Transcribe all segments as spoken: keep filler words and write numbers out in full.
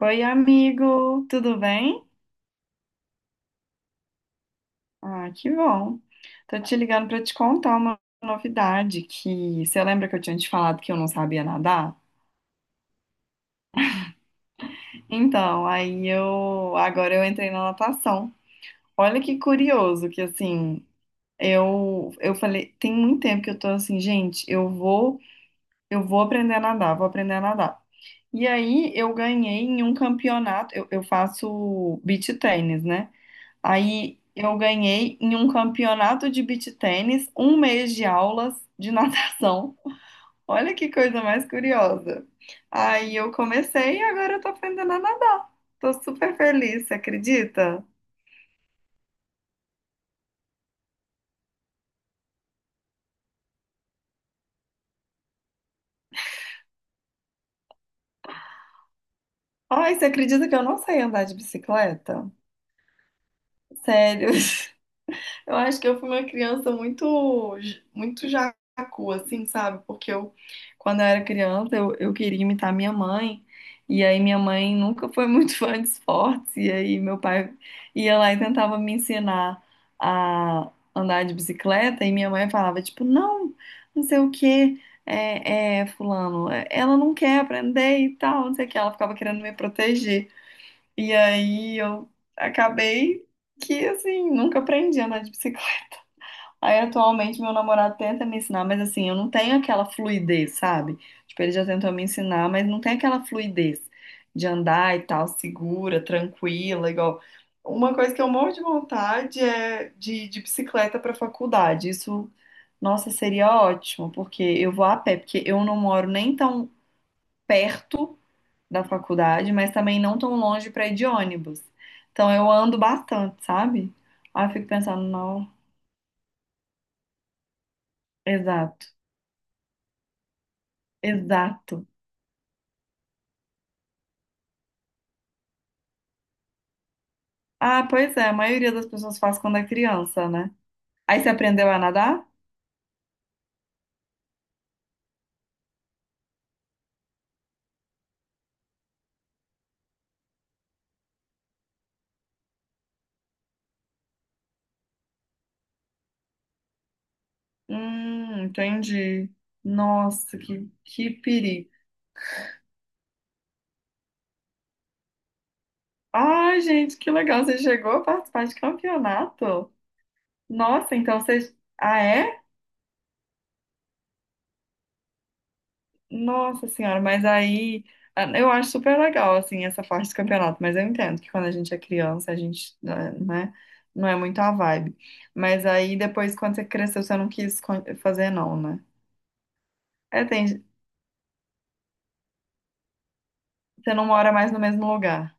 Oi, amigo, tudo bem? Ah, que bom. Tô te ligando pra te contar uma novidade que você lembra que eu tinha te falado que eu não sabia nadar? Então, aí eu agora eu entrei na natação. Olha que curioso que assim, eu eu falei, tem muito tempo que eu tô assim, gente, eu vou eu vou aprender a nadar, vou aprender a nadar. E aí eu ganhei em um campeonato, eu, eu faço beach tennis, né? Aí eu ganhei em um campeonato de beach tênis, um mês de aulas de natação. Olha que coisa mais curiosa. Aí eu comecei e agora eu tô aprendendo a nadar. Tô super feliz, você acredita? Ai, você acredita que eu não sei andar de bicicleta? Sério. Eu acho que eu fui uma criança muito, muito jacu, assim, sabe? Porque eu, quando eu era criança, eu, eu queria imitar minha mãe. E aí minha mãe nunca foi muito fã de esportes. E aí meu pai ia lá e tentava me ensinar a andar de bicicleta. E minha mãe falava, tipo, não, não sei o quê, é, é, fulano, é- ela não quer aprender e tal, não sei o que. Ela ficava querendo me proteger. E aí eu acabei que, assim, nunca aprendi a andar de bicicleta. Aí atualmente meu namorado tenta me ensinar, mas assim, eu não tenho aquela fluidez, sabe? Tipo, ele já tentou me ensinar, mas não tem aquela fluidez de andar e tal, segura, tranquila, igual. Uma coisa que eu morro de vontade é de ir de bicicleta para faculdade. Isso, nossa, seria ótimo, porque eu vou a pé, porque eu não moro nem tão perto da faculdade, mas também não tão longe para ir de ônibus. Então eu ando bastante, sabe? Aí eu fico pensando, não, exato. Exato. Ah, pois é, a maioria das pessoas faz quando é criança, né? Aí você aprendeu a nadar? Hum, entendi. Nossa, que, que perigo. Ai, gente, que legal, você chegou a participar de campeonato? Nossa, então você. Ah, é? Nossa senhora, mas aí. Ah, eu acho super legal, assim, essa parte do campeonato, mas eu entendo que quando a gente é criança, a gente, né, né, não é muito a vibe. Mas aí depois, quando você cresceu, você não quis con- fazer, não, né? É, tem, você não mora mais no mesmo lugar.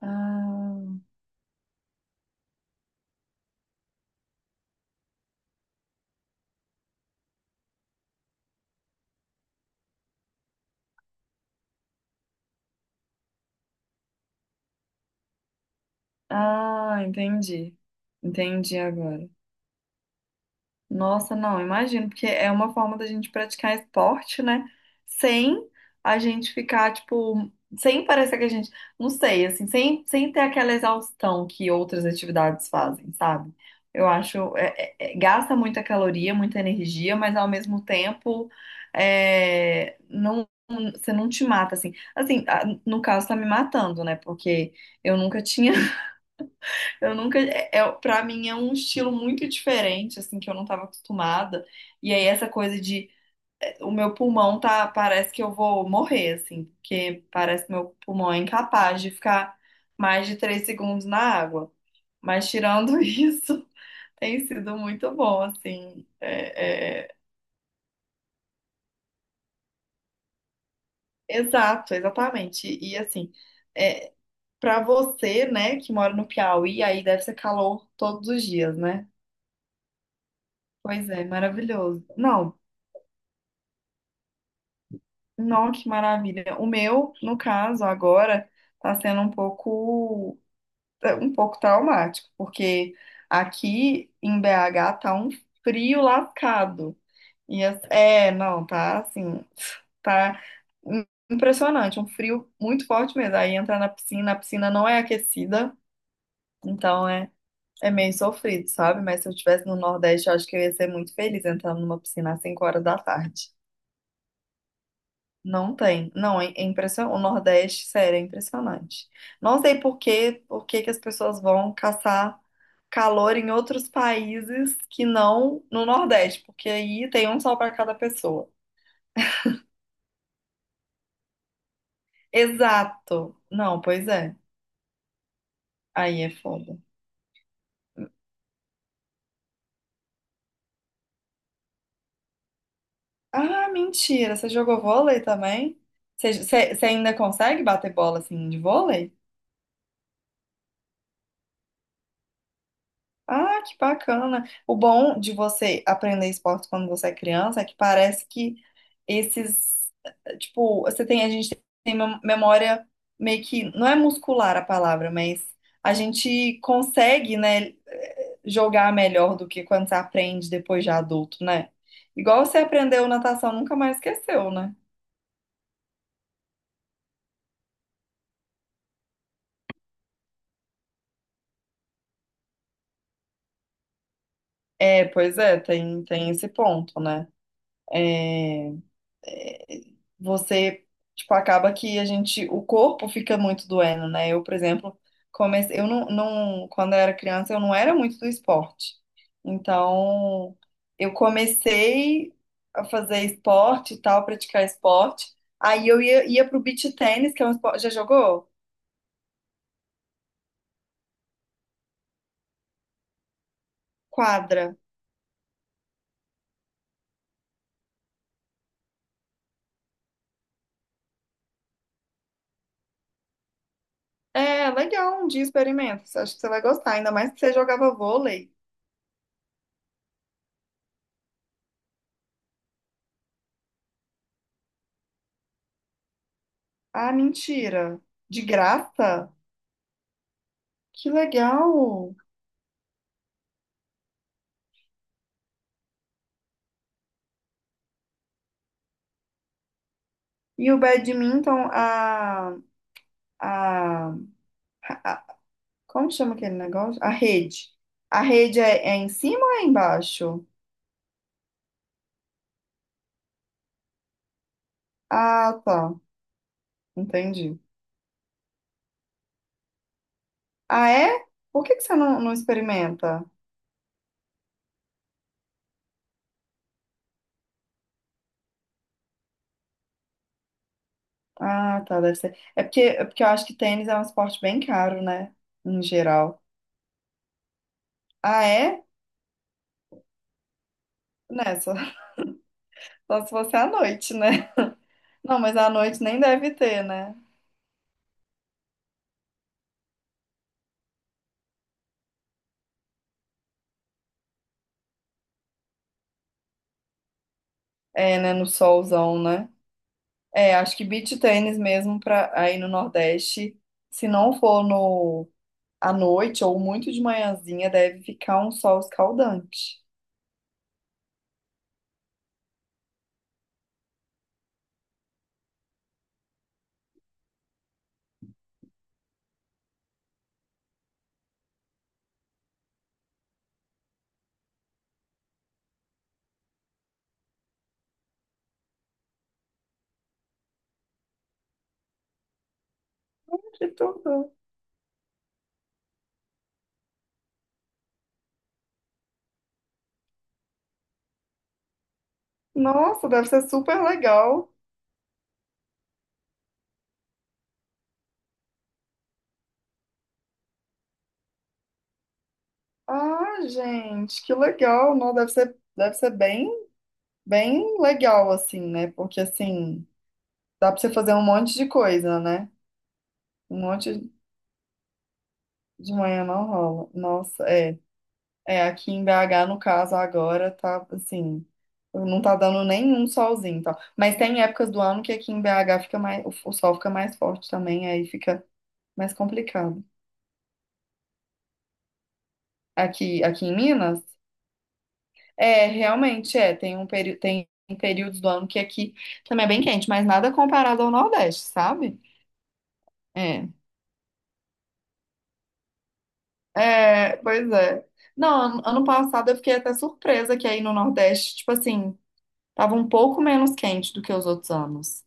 Ah, ah, entendi. Entendi agora. Nossa, não, imagino, porque é uma forma da gente praticar esporte, né? Sem a gente ficar, tipo, sem parecer que a gente, não sei, assim, sem, sem ter aquela exaustão que outras atividades fazem, sabe? Eu acho, é- é- é- gasta muita caloria, muita energia, mas ao mesmo tempo, é, não, você não te mata, assim. Assim, a- no caso, tá me matando, né? Porque eu nunca tinha Eu nunca, é, é, para mim é um estilo muito diferente, assim, que eu não estava acostumada. E aí essa coisa de é, o meu pulmão tá, parece que eu vou morrer, assim, porque parece que meu pulmão é incapaz de ficar mais de três segundos na água. Mas tirando isso, tem sido muito bom, assim. É, é, exato, exatamente. E, e, assim, é, para você, né, que mora no Piauí, aí deve ser calor todos os dias, né? Pois é, maravilhoso. Não, não, que maravilha. O meu, no caso, agora, tá sendo um pouco, é, um pouco traumático, porque aqui em B H tá um frio lascado. E as- é, não, tá assim, tá im- impressionante, um frio muito forte mesmo. Aí entra na piscina, a piscina não é aquecida, então é, é meio sofrido, sabe? Mas se eu estivesse no Nordeste, eu acho que eu ia ser muito feliz entrando numa piscina às cinco horas da tarde. Não tem. Não, é é impressionante. O Nordeste, sério, é impressionante. Não sei por quê, por que que as pessoas vão caçar calor em outros países que não no Nordeste, porque aí tem um sol para cada pessoa. Exato. Não, pois é. Aí é foda. Ah, mentira. Você jogou vôlei também? Você, você- você ainda consegue bater bola assim de vôlei? Ah, que bacana. O bom de você aprender esporte quando você é criança é que parece que esses, eh, tipo, você tem, a gente tem mem- memória meio que, não é muscular a palavra, mas a gente consegue, né, eh, jogar melhor do que quando você aprende depois de adulto, né? Igual você aprendeu natação, nunca mais esqueceu, né? É, pois é, tem, tem esse ponto, né? É... você, tipo, acaba que a gente, o corpo fica muito doendo, né? Eu, por exemplo, comecei, eu não, não, quando eu era criança, eu não era muito do esporte. Então, eu comecei a fazer esporte e tal, praticar esporte. Aí eu ia, ia pro beach tênis, que é um esporte, já jogou? Quadra. É, legal, um dia experimenta. Acho que você vai gostar, ainda mais que você jogava vôlei. Ah, mentira. De graça? Que legal. E o badminton, a, a, a- como chama aquele negócio? A rede. A rede é, é em cima ou é embaixo? Ah, tá. Entendi. Ah, é? Por que que você não, não experimenta? Ah, tá, deve ser. É porque, é porque eu acho que tênis é um esporte bem caro, né? Em geral. Ah, é? Nessa. Só só se fosse à noite, né? Não, mas à noite nem deve ter, né? É, né? No solzão, né? É, acho que beach tênis mesmo para aí no Nordeste, se não for no à noite ou muito de manhãzinha, deve ficar um sol escaldante. Que tudo. Nossa, deve ser super legal. Ah, gente, que legal. Não, deve ser, deve ser bem, bem legal assim, né? Porque assim, dá para você fazer um monte de coisa, né? Um monte de manhã não rola. Nossa, é. É, aqui em B H, no caso, agora tá assim, não tá dando nenhum solzinho, e tal. Mas tem épocas do ano que aqui em B H fica mais, o sol fica mais forte também, aí fica mais complicado. Aqui, aqui em Minas, é, realmente é, tem um peri tem períodos do ano que aqui também é bem quente, mas nada comparado ao Nordeste, sabe? É. É, pois é. Não, ano ano passado eu fiquei até surpresa que aí no Nordeste, tipo assim, tava um pouco menos quente do que os outros anos.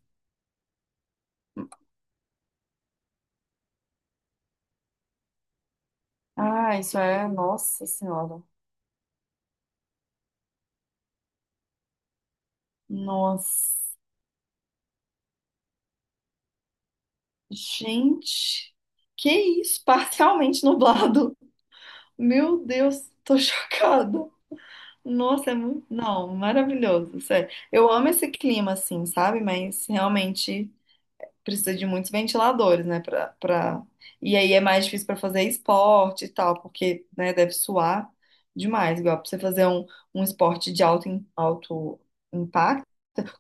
Ah, isso é. Nossa Senhora. Nossa. Gente, que isso? Parcialmente nublado. Meu Deus, tô chocada. Nossa, é muito. Não, maravilhoso. Sério. Eu amo esse clima, assim, sabe? Mas realmente, precisa de muitos ventiladores, né? Pra, pra... E aí é mais difícil para fazer esporte e tal, porque, né, deve suar demais. Igual para você fazer um, um esporte de alto, im- alto impacto,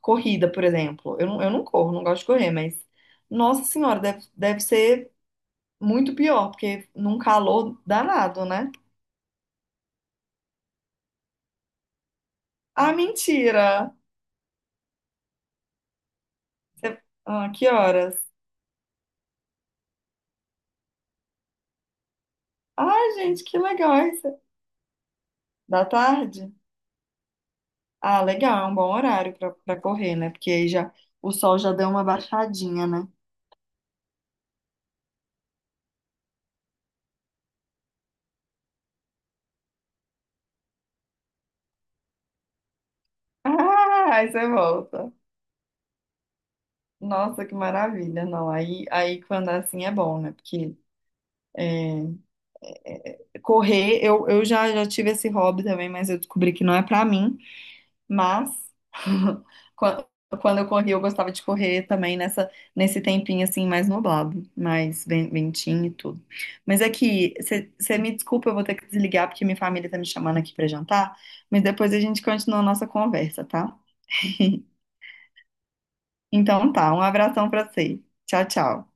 corrida, por exemplo. Eu não, eu não corro, não gosto de correr, mas, nossa senhora, deve, deve ser muito pior, porque num calor danado, né? Ah, mentira! Você- Ah, que horas? Ai, gente, que legal isso. Da tarde? Ah, legal, é um bom horário pra pra correr, né? Porque aí já o sol já deu uma baixadinha, né? Ah, aí você volta. Nossa, que maravilha. Não, aí, aí quando é assim é bom, né? Porque é, correr, eu, eu já, já tive esse hobby também, mas eu descobri que não é pra mim. Mas quan- quando eu corri, eu gostava de correr também nessa, nesse tempinho assim mais nublado, mais ven- ventinho e tudo. Mas é que você me desculpa, eu vou ter que desligar porque minha família tá me chamando aqui pra jantar, mas depois a gente continua a nossa conversa, tá? Então tá, um abração pra você. Tchau, tchau.